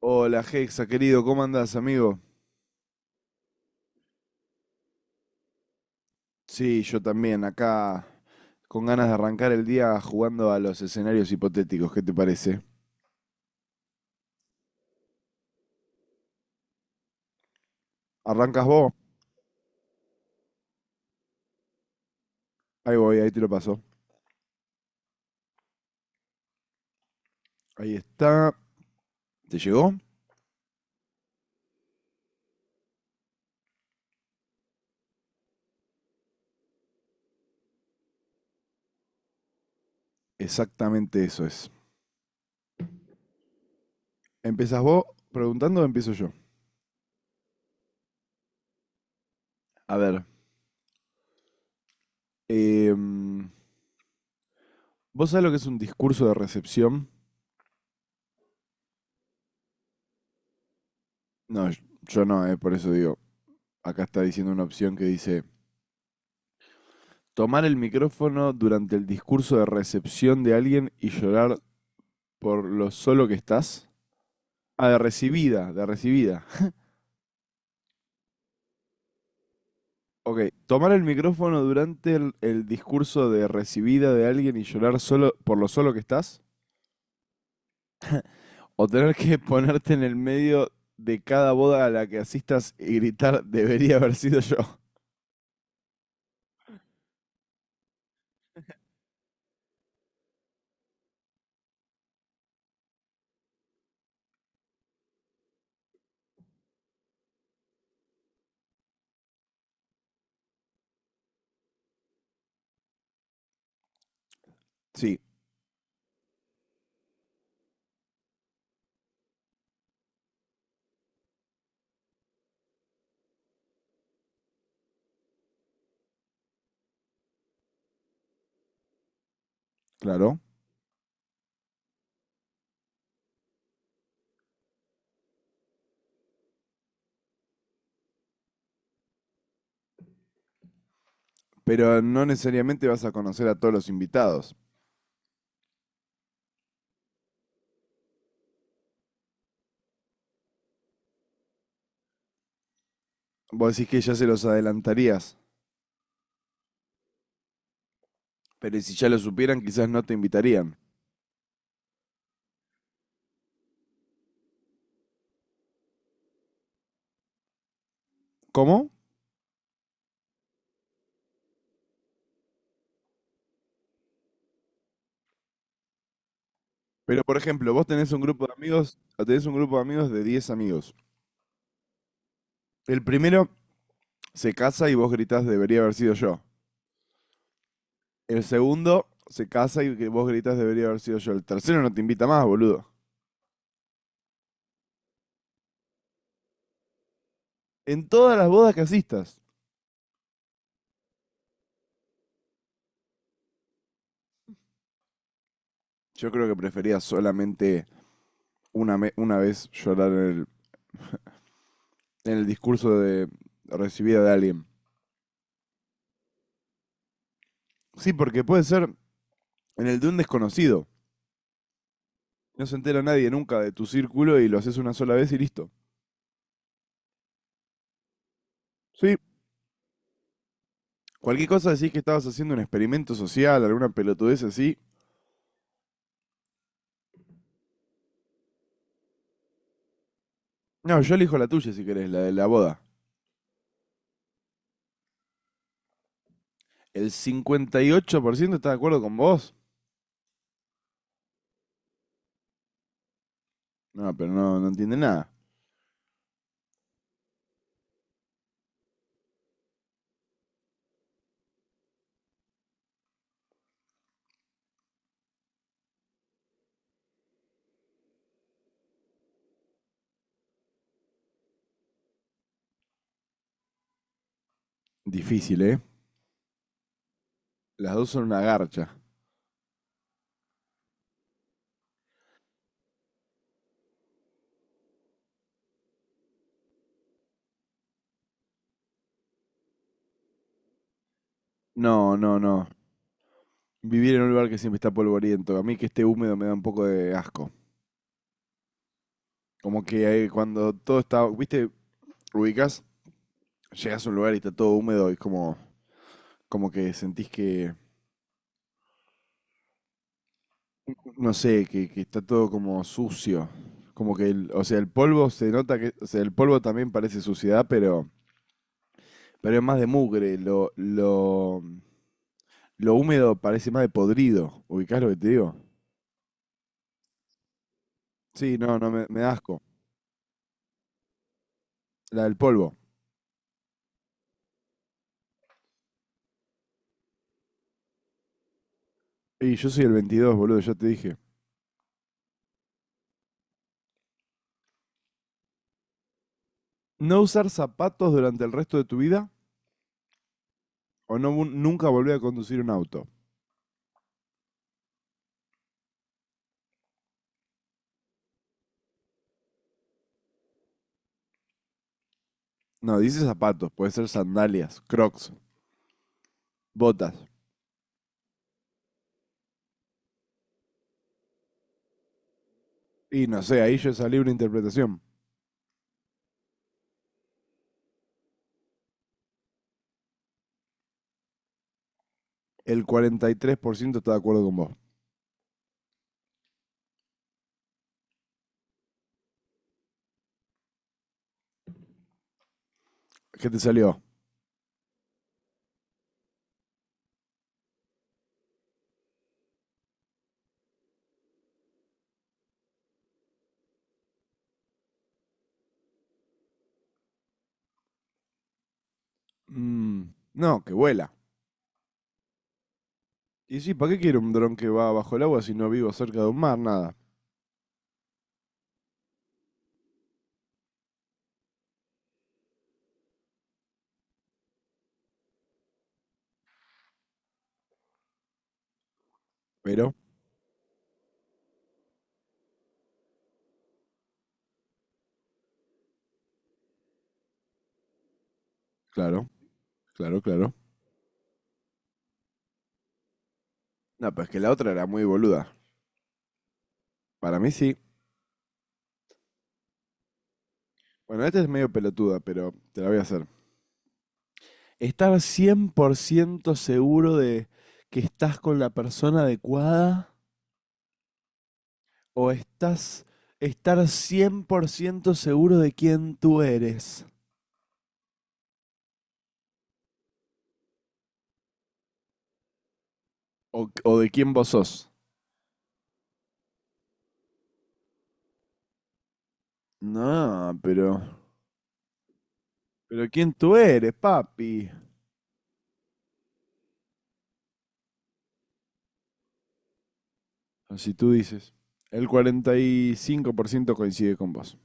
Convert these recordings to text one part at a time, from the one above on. Hola Hexa, querido, ¿cómo andás, amigo? Sí, yo también, acá con ganas de arrancar el día jugando a los escenarios hipotéticos, ¿qué te parece? ¿Arrancas vos? Ahí voy, ahí te lo paso. Ahí está. ¿Te llegó? Exactamente eso es. ¿Empezás vos preguntando o empiezo yo? A ver, em, ¿vos sabés lo que es un discurso de recepción? No, yo no, por eso digo, acá está diciendo una opción que dice, tomar el micrófono durante el discurso de recepción de alguien y llorar por lo solo que estás. Ah, de recibida, de recibida. Ok, tomar el micrófono durante el discurso de recibida de alguien y llorar solo por lo solo que estás. O tener que ponerte en el medio de cada boda a la que asistas y gritar, debería haber sido yo. Sí, claro. Pero no necesariamente vas a conocer a todos los invitados. Vos decís que ya se los adelantarías. Pero si ya lo supieran, quizás no te invitarían. ¿Cómo? Pero por ejemplo, vos tenés un grupo de amigos, tenés un grupo de amigos de 10 amigos. El primero se casa y vos gritás debería haber sido yo. El segundo se casa y que vos gritas debería haber sido yo. El tercero no te invita más, boludo. En todas las bodas que asistas. Yo creo que prefería solamente una vez llorar en en el discurso de recibida de alguien. Sí, porque puede ser en el de un desconocido. No se entera nadie nunca de tu círculo y lo haces una sola vez y listo. Sí. Cualquier cosa decís que estabas haciendo un experimento social, alguna pelotudez así. No, yo elijo la tuya si querés, la de la boda. El 58% está de acuerdo con vos. No, pero no, no entiende nada. Difícil, ¿eh? Las dos son una garcha. No, no, no. Vivir en un lugar que siempre está polvoriento. A mí que esté húmedo me da un poco de asco. Como que cuando todo está, viste, ubicas, llegas a un lugar y está todo húmedo y es como, como que sentís que, no sé, que está todo como sucio. Como que, o sea, el polvo se nota que, o sea, el polvo también parece suciedad, pero es más de mugre. Lo húmedo parece más de podrido. ¿Ubicás lo que te digo? Sí, no, no, me da asco. La del polvo. Y yo soy el 22, boludo, ya te dije. No usar zapatos durante el resto de tu vida o no, nunca volver a conducir un auto. No, dice zapatos, puede ser sandalias, crocs, botas. Y no sé, ahí yo salí una interpretación. El 43% está de acuerdo con vos. ¿Qué te salió? Mm, no, que vuela. Y sí, ¿para qué quiero un dron que va bajo el agua si no vivo cerca de un mar? Nada. Pero, claro, claro, claro. No, pero es que la otra era muy boluda. Para mí sí. Bueno, esta es medio pelotuda, pero te la voy a hacer. Estar 100% seguro de que estás con la persona adecuada o estás estar 100% seguro de quién tú eres o de quién vos sos. No, pero quién tú eres, papi. Así tú dices. El 45% coincide con vos.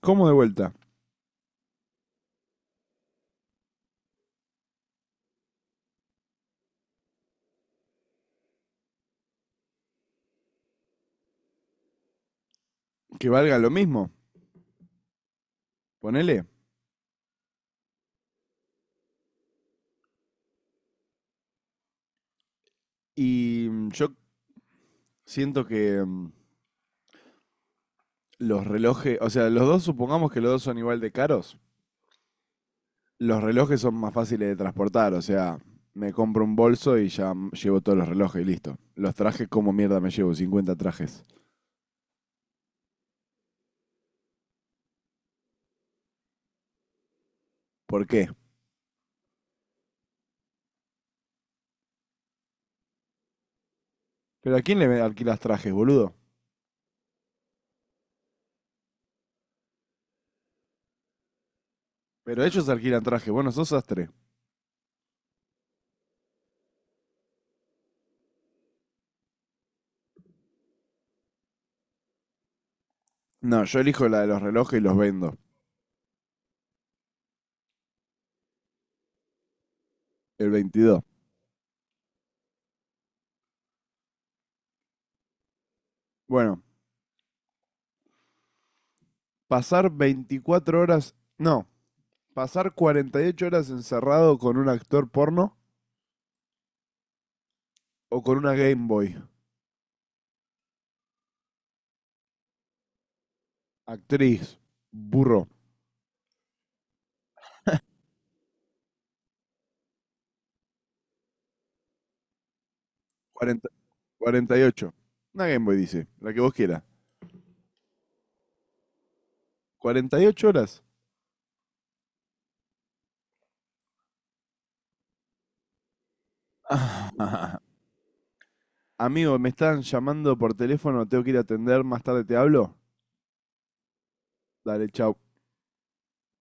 ¿Cómo de vuelta? Que valga lo mismo. Ponele. Y yo Siento que los relojes, o sea, los dos, supongamos que los dos son igual de caros, los relojes son más fáciles de transportar, o sea, me compro un bolso y ya llevo todos los relojes y listo. Los trajes, ¿cómo mierda me llevo 50 trajes? ¿Por qué? ¿Pero a quién le alquilas trajes, boludo? Pero ellos alquilan trajes, bueno, sos sastre. No, yo elijo la de los relojes y los vendo, el 22. Bueno, pasar 24 horas, no, pasar 48 horas encerrado con un actor porno o con una Game Boy. Actriz, burro, 40 48. Una Game Boy dice, la que vos quieras. ¿Cuarenta y ocho horas? Amigo, me están llamando por teléfono, tengo que ir a atender, más tarde te hablo. Dale, chau.